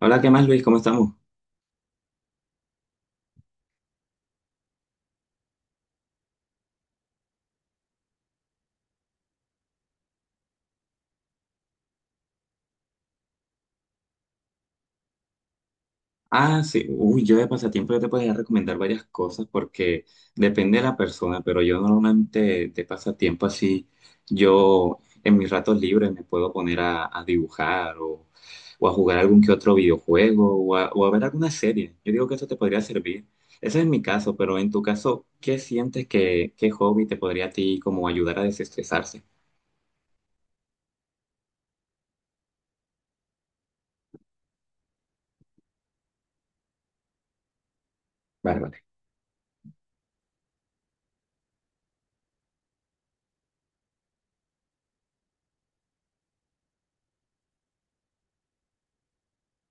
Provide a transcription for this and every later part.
Hola, ¿qué más, Luis? ¿Cómo estamos? Ah, sí. Uy, yo de pasatiempo yo te podría recomendar varias cosas porque depende de la persona, pero yo normalmente de pasatiempo así, yo en mis ratos libres me puedo poner a dibujar o a jugar algún que otro videojuego o a ver alguna serie. Yo digo que eso te podría servir. Ese es mi caso, pero en tu caso, ¿qué sientes que qué hobby te podría a ti como ayudar a desestresarse? Vale, vale.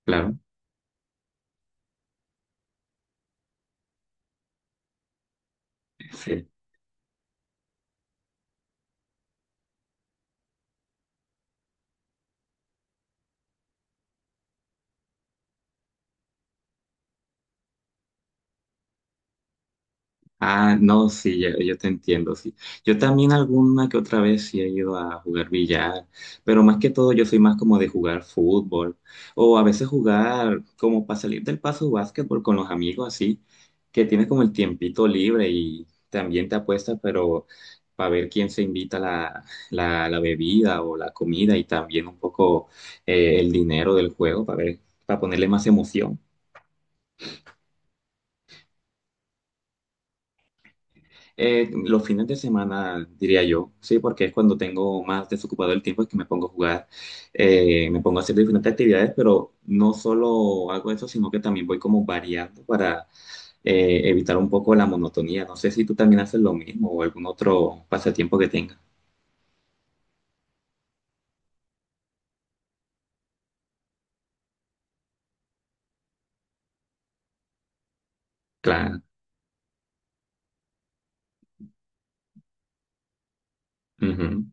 Claro. Sí. Ah, no, sí, yo te entiendo, sí. Yo también alguna que otra vez sí he ido a jugar billar, pero más que todo yo soy más como de jugar fútbol o a veces jugar como para salir del paso básquetbol con los amigos así, que tienes como el tiempito libre y también te apuestas, pero para ver quién se invita la bebida o la comida y también un poco el dinero del juego para ver, para ponerle más emoción. Los fines de semana, diría yo, sí, porque es cuando tengo más desocupado el tiempo, es que me pongo a jugar, me pongo a hacer diferentes actividades, pero no solo hago eso, sino que también voy como variando para evitar un poco la monotonía. No sé si tú también haces lo mismo o algún otro pasatiempo que tengas. Claro. Ujú.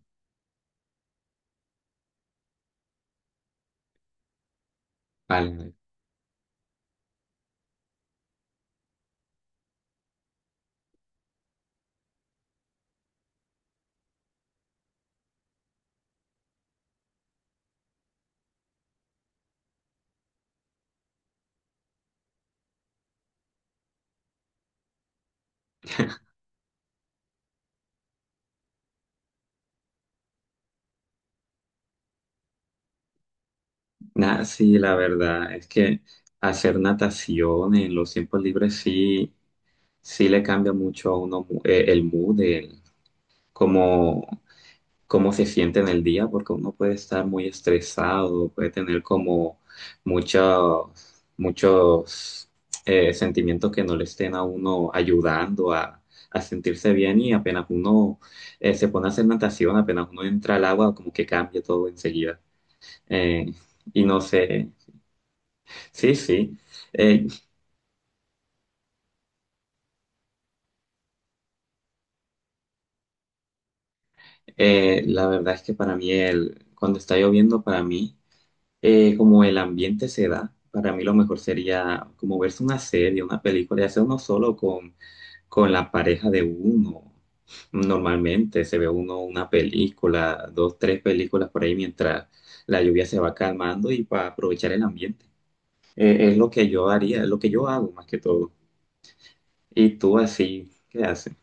Vale. Nah, sí, la verdad es que hacer natación en los tiempos libres sí, sí le cambia mucho a uno el mood, como cómo se siente en el día, porque uno puede estar muy estresado, puede tener como muchos sentimientos que no le estén a uno ayudando a sentirse bien y apenas uno se pone a hacer natación, apenas uno entra al agua, como que cambia todo enseguida. Eh, y no sé, sí, sí. Eh, la verdad es que para mí el, cuando está lloviendo, para mí como el ambiente se da, para mí lo mejor sería como verse una serie, una película, y hacer uno solo con la pareja de uno. Normalmente se ve uno una película, dos, tres películas por ahí mientras la lluvia se va calmando y para aprovechar el ambiente. Es lo que yo haría, es lo que yo hago más que todo. Y tú así, ¿qué haces?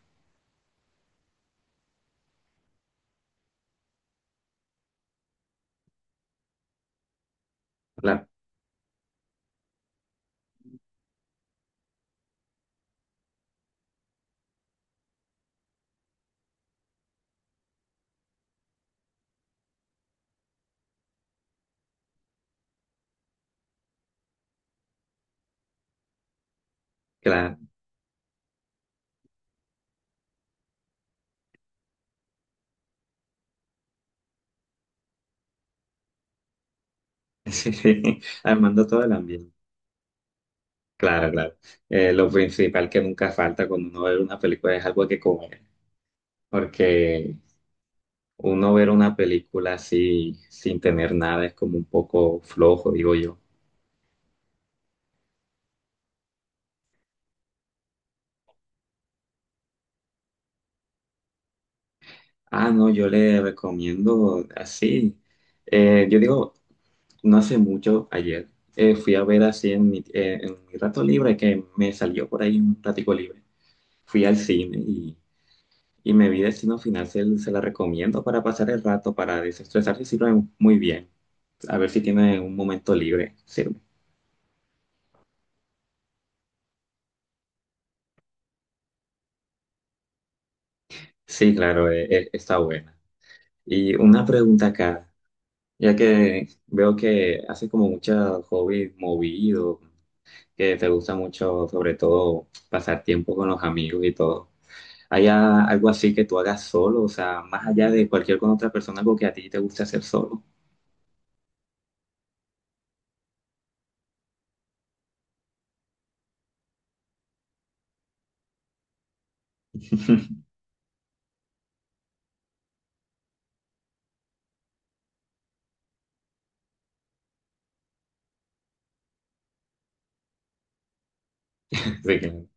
Claro, claro. Sí, armando todo el ambiente. Claro, claro. Lo principal que nunca falta cuando uno ve una película es algo que comer, porque uno ver una película así sin tener nada es como un poco flojo, digo yo. Ah, no, yo le recomiendo así. Yo digo, no hace mucho, ayer, fui a ver así en mi rato libre, que me salió por ahí un ratico libre. Fui al cine y me vi Destino Final, se la recomiendo para pasar el rato, para desestresarse, sirve muy bien. A ver si tiene un momento libre, sirve. Sí, claro, está buena. Y una pregunta acá, ya que veo que haces como muchos hobbies movidos, que te gusta mucho, sobre todo, pasar tiempo con los amigos y todo. ¿Hay algo así que tú hagas solo? O sea, más allá de cualquier con otra persona, algo que a ti te gusta hacer solo. Sí, claro.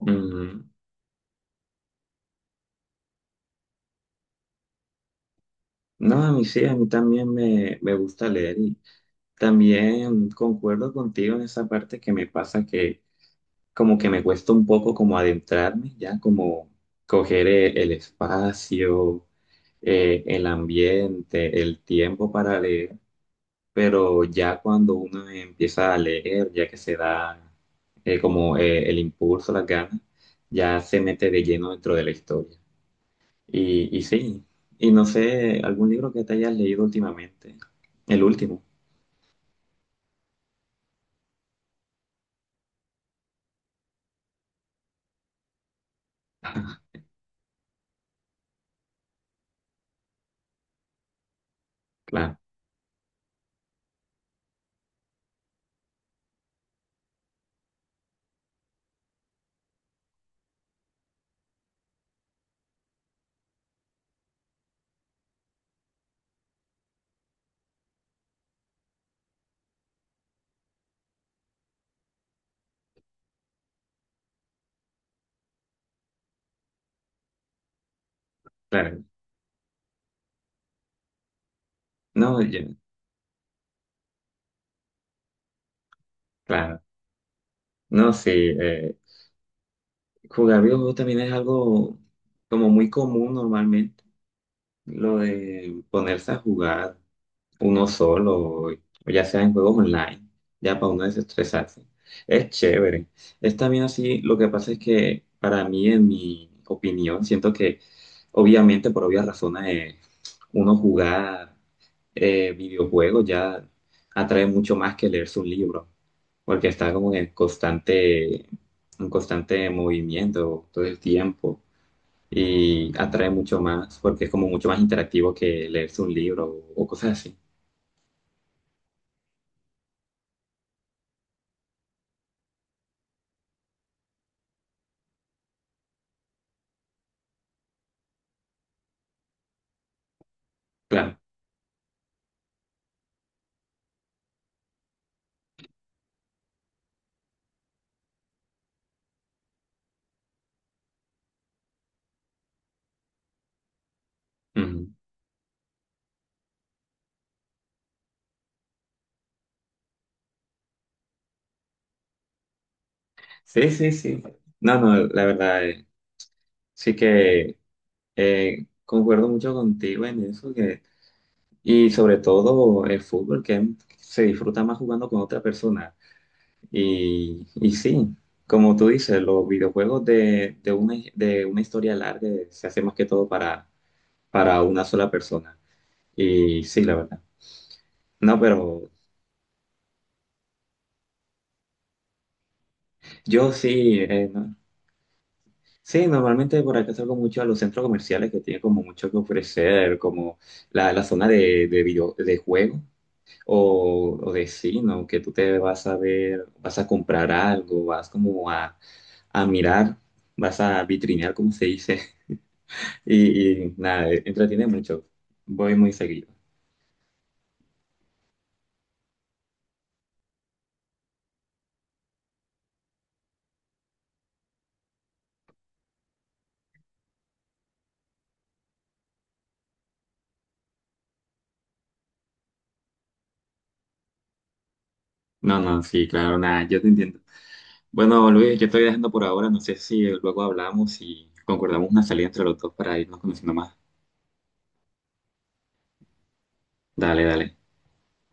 Ujú. No, a mí sí, a mí también me gusta leer y también concuerdo contigo en esa parte que me pasa que como que me cuesta un poco como adentrarme, ya como coger el espacio, el ambiente, el tiempo para leer, pero ya cuando uno empieza a leer, ya que se da como el impulso, las ganas, ya se mete de lleno dentro de la historia. Y sí, y no sé, algún libro que te hayas leído últimamente, el último. Claro, claro. No, yo- claro. No, sí. Jugar videojuegos también es algo como muy común normalmente, lo de ponerse a jugar uno solo, o ya sea en juegos online, ya para uno desestresarse. Es chévere. Es también así, lo que pasa es que para mí, en mi opinión, siento que obviamente por obvias razones eh, uno jugar videojuegos ya atrae mucho más que leerse un libro porque está como en constante movimiento todo el tiempo y atrae mucho más porque es como mucho más interactivo que leerse un libro o cosas así. Claro. Ujú. Sí, sí, sí. No, no, la verdad, sí que concuerdo mucho contigo en eso que, y sobre todo el fútbol que se disfruta más jugando con otra persona. Y sí, como tú dices, los videojuegos de una historia larga se hace más que todo para una sola persona. Y sí, la verdad. No, pero yo sí, sí, normalmente por acá salgo mucho a los centros comerciales que tienen como mucho que ofrecer, como la zona de video, de juego o de cine, ¿no? Que tú te vas a ver, vas a comprar algo, vas como a mirar, vas a vitrinear, como se dice. Y nada, entretiene mucho. Voy muy seguido. No, no, sí, claro, nada, yo te entiendo. Bueno, Luis, yo estoy dejando por ahora. No sé si luego hablamos y concordamos una salida entre los dos para irnos conociendo más. Dale, dale.